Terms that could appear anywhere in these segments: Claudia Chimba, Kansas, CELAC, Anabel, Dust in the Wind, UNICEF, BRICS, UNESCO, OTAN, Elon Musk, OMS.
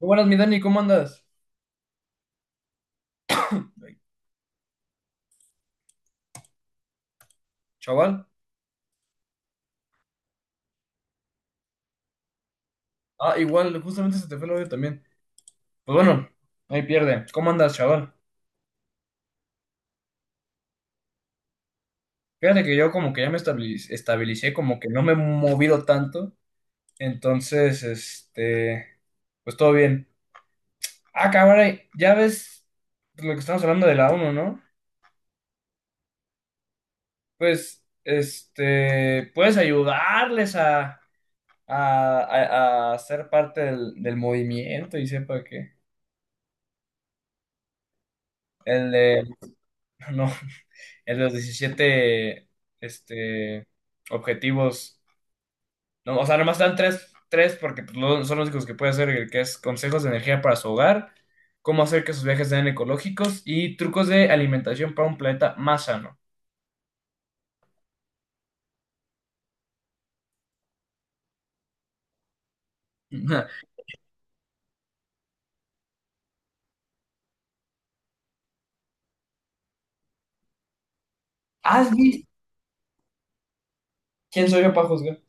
Muy buenas, mi Dani, ¿cómo andas? Chaval. Ah, igual, justamente se te fue el audio también. Pues bueno, ahí pierde. ¿Cómo andas, chaval? Fíjate que yo como que ya estabilicé, como que no me he movido tanto. Entonces, pues todo bien. Ah, cabrón, ya ves lo que estamos hablando de la ONU, ¿no? Pues, puedes ayudarles a ser parte del movimiento y sepa que el de, no. En los 17 este, objetivos. No, o sea, nomás dan tres porque pues, son los únicos que puede hacer, el que es consejos de energía para su hogar, cómo hacer que sus viajes sean ecológicos y trucos de alimentación para un planeta más sano. ¿Has visto? ¿Quién soy yo para juzgar?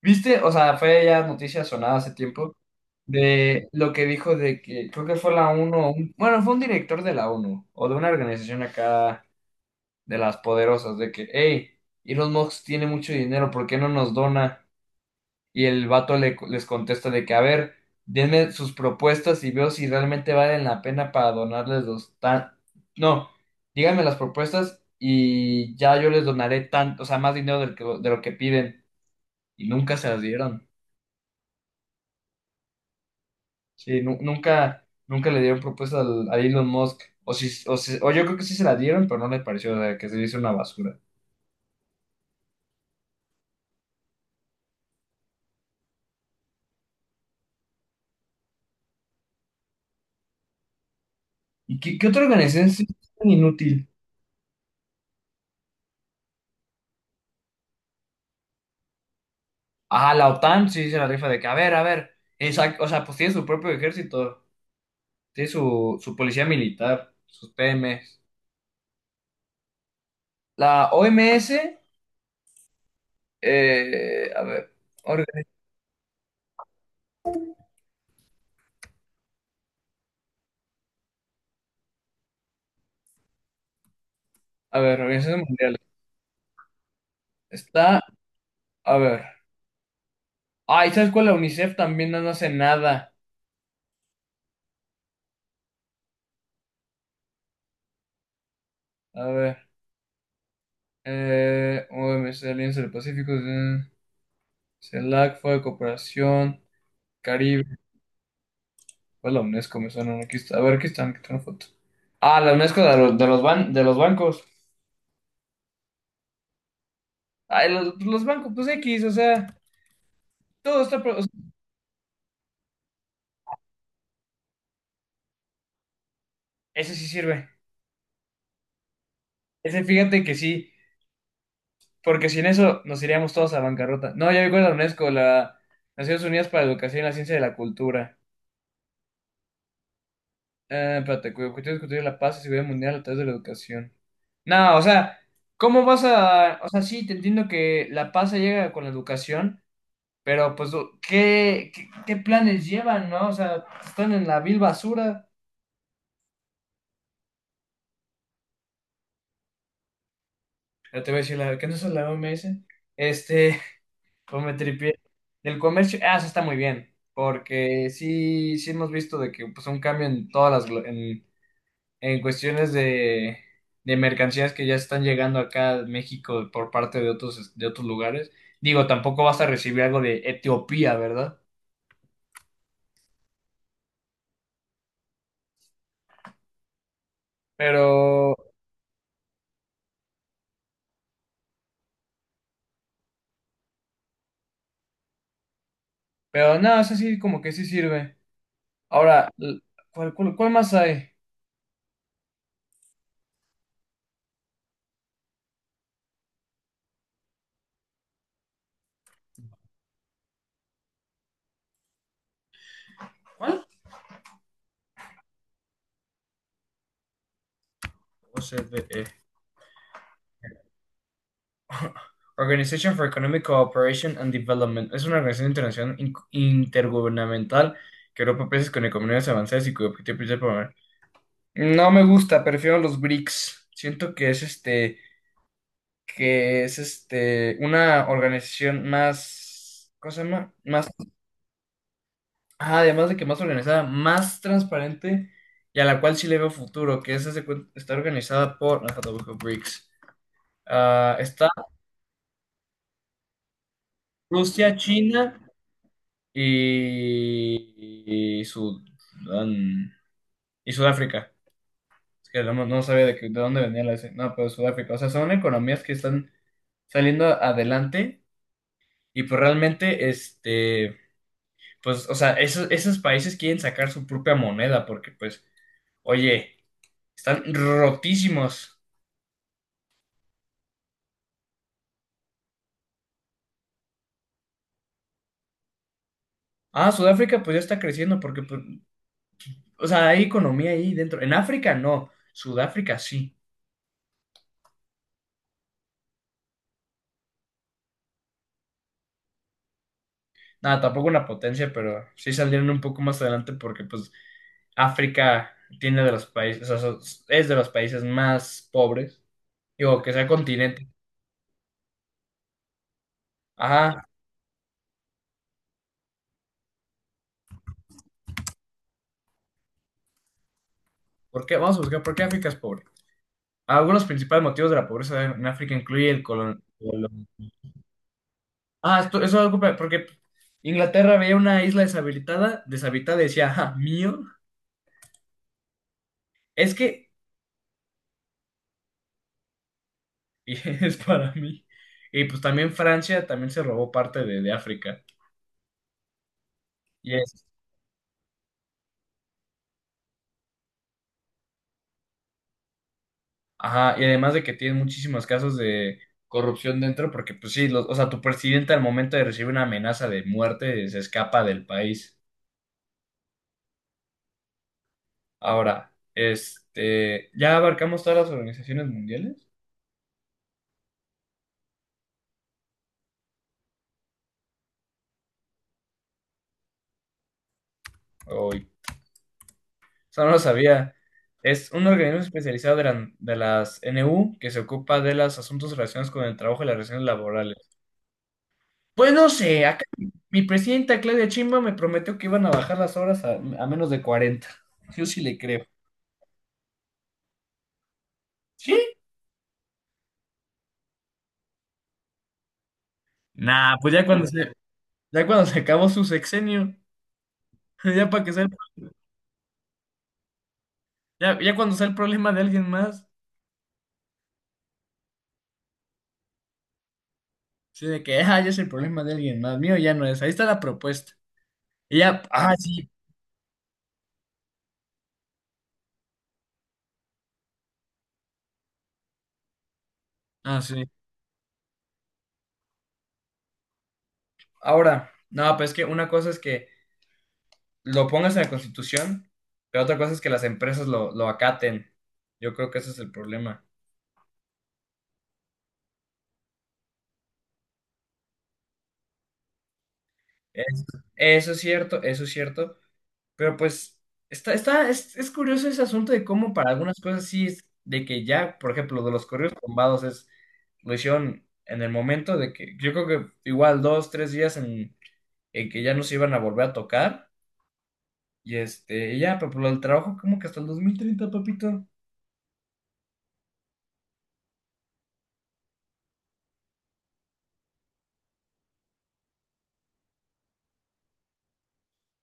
¿Viste? O sea, fue ya noticia sonada hace tiempo de lo que dijo de que creo que fue la ONU, bueno, fue un director de la ONU o de una organización acá de las poderosas, de que, hey, Elon Musk tiene mucho dinero, ¿por qué no nos dona? Y el vato les contesta de que, a ver, denme sus propuestas y veo si realmente valen la pena para donarles los tan... No, díganme las propuestas y ya yo les donaré tanto, o sea, más dinero de lo que piden. Y nunca se las dieron. Sí, nunca, nunca le dieron propuestas a Elon Musk. O, si, o, si- O yo creo que sí se la dieron, pero no le pareció, o sea, que se hizo una basura. ¿Y qué otra organización es tan inútil? Ajá, la OTAN sí se la rifa de que, a ver, exacto, o sea, pues tiene su propio ejército, tiene su policía militar, sus PMs. La OMS, a ver, orga- a ver, Organización Mundial, está, a ver, ay, ¿sabes cuál? La UNICEF también no, no hace nada, a ver, OMS, Alianza del Pacífico, CELAC, Fue de Cooperación, Caribe, pues la UNESCO me suena, aquí está, a ver, aquí están, aquí tengo foto. Ah, la UNESCO de los bancos. Ay, los, pues, los bancos, pues X, o sea, todo está... o sea, ese sí sirve. Ese fíjate que sí, porque sin eso nos iríamos todos a bancarrota. No, ya me acuerdo de la UNESCO, la Naciones Unidas para la Educación y la Ciencia de la Cultura. Espérate, cuyo objetivo es discutir la paz y seguridad mundial a través de la educación. No, o sea, ¿cómo vas a...? O sea, sí, te entiendo que la paz se llega con la educación, pero pues, ¿qué planes llevan, no? O sea, están en la vil basura. Ya te voy a decir, la, ¿qué no es la OMS? Este... Pues me tripié. Del comercio, ah, eso está muy bien, porque sí, sí hemos visto de que pues un cambio en todas las, en cuestiones de mercancías que ya están llegando acá a México por parte de otros lugares. Digo, tampoco vas a recibir algo de Etiopía, ¿verdad? Pero, pero no, eso sí, como que sí sirve. Ahora, ¿cuál más hay? ¿Cuál? O sea, Organization for Economic Cooperation and Development es una organización internacional intergubernamental que agrupa países con economías avanzadas y cuyo objetivo principal es promover... No me gusta, prefiero los BRICS. Siento que es este, una organización más, ¿cómo se llama? Más, ajá, además de que más organizada, más transparente y a la cual sí le veo futuro, que es, está organizada por, ajá, te busco, BRICS. Ah, está Rusia, China. Y Sudán y Sudáfrica. Es que no, no sabía de, de dónde venía la S. No, pero Sudáfrica. O sea, son economías que están saliendo adelante y pues realmente, pues, o sea, esos países quieren sacar su propia moneda porque pues, oye, están rotísimos. Ah, Sudáfrica pues ya está creciendo porque, pues, o sea, hay economía ahí dentro. En África no, Sudáfrica sí. Nada, tampoco una potencia, pero sí salieron un poco más adelante porque pues África tiene de los países, es de los países más pobres, digo, que sea continente. Ajá, ¿por qué? Vamos a buscar, ¿por qué África es pobre? Algunos principales motivos de la pobreza en África incluye el Ah, eso es algo porque Inglaterra veía una isla deshabitada, deshabitada y decía, ah, mío, es que y es para mí. Y pues también Francia también se robó parte de África. Ajá, y además de que tienen muchísimos casos de corrupción dentro, porque pues sí, o sea, tu presidente al momento de recibir una amenaza de muerte se escapa del país. Ahora, ¿ya abarcamos todas las organizaciones mundiales? Hoy, o sea, no lo sabía. Es un organismo especializado de, de las NU que se ocupa de los asuntos relacionados con el trabajo y las relaciones laborales. Pues no sé, acá mi presidenta Claudia Chimba me prometió que iban a bajar las horas a menos de 40. Yo sí le creo. ¿Sí? Nah, ya cuando se acabó su sexenio, ya para que sea, el- ya, ya cuando sea el problema de alguien más, sí, de que, ah, ya es el problema de alguien más, mío ya no es, ahí está la propuesta. Y ya, ah, sí, ah, sí. Ahora, no, pues es que una cosa es que lo pongas en la Constitución, pero otra cosa es que las empresas lo acaten. Yo creo que ese es el problema. Es- eso es cierto, pero pues es curioso ese asunto de cómo para algunas cosas sí es de que ya, por ejemplo, de los correos tumbados es, lo hicieron en el momento de que, yo creo que igual dos, tres días en que ya no se iban a volver a tocar, y y ya, pero por el trabajo como que hasta el 2030 papito.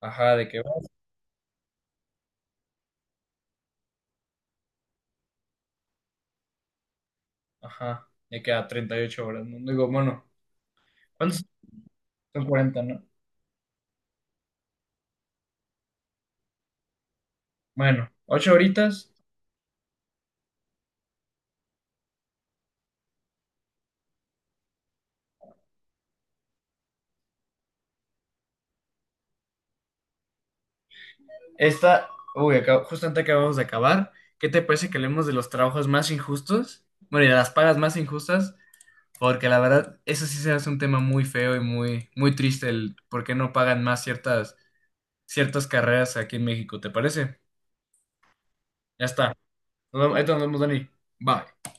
Ajá, de que va, ajá, ya queda 38 horas, ¿no? Digo, bueno, ¿cuántos son 40 no? Bueno, 8 horitas, esta, uy, justamente acabamos de acabar. ¿Qué te parece que hablemos de los trabajos más injustos? Bueno, y de las pagas más injustas, porque la verdad, eso sí se hace un tema muy feo y muy triste, el por qué no pagan más ciertas, ciertas carreras aquí en México, ¿te parece? Ya está. Ahí te nos vemos, Dani. Bye.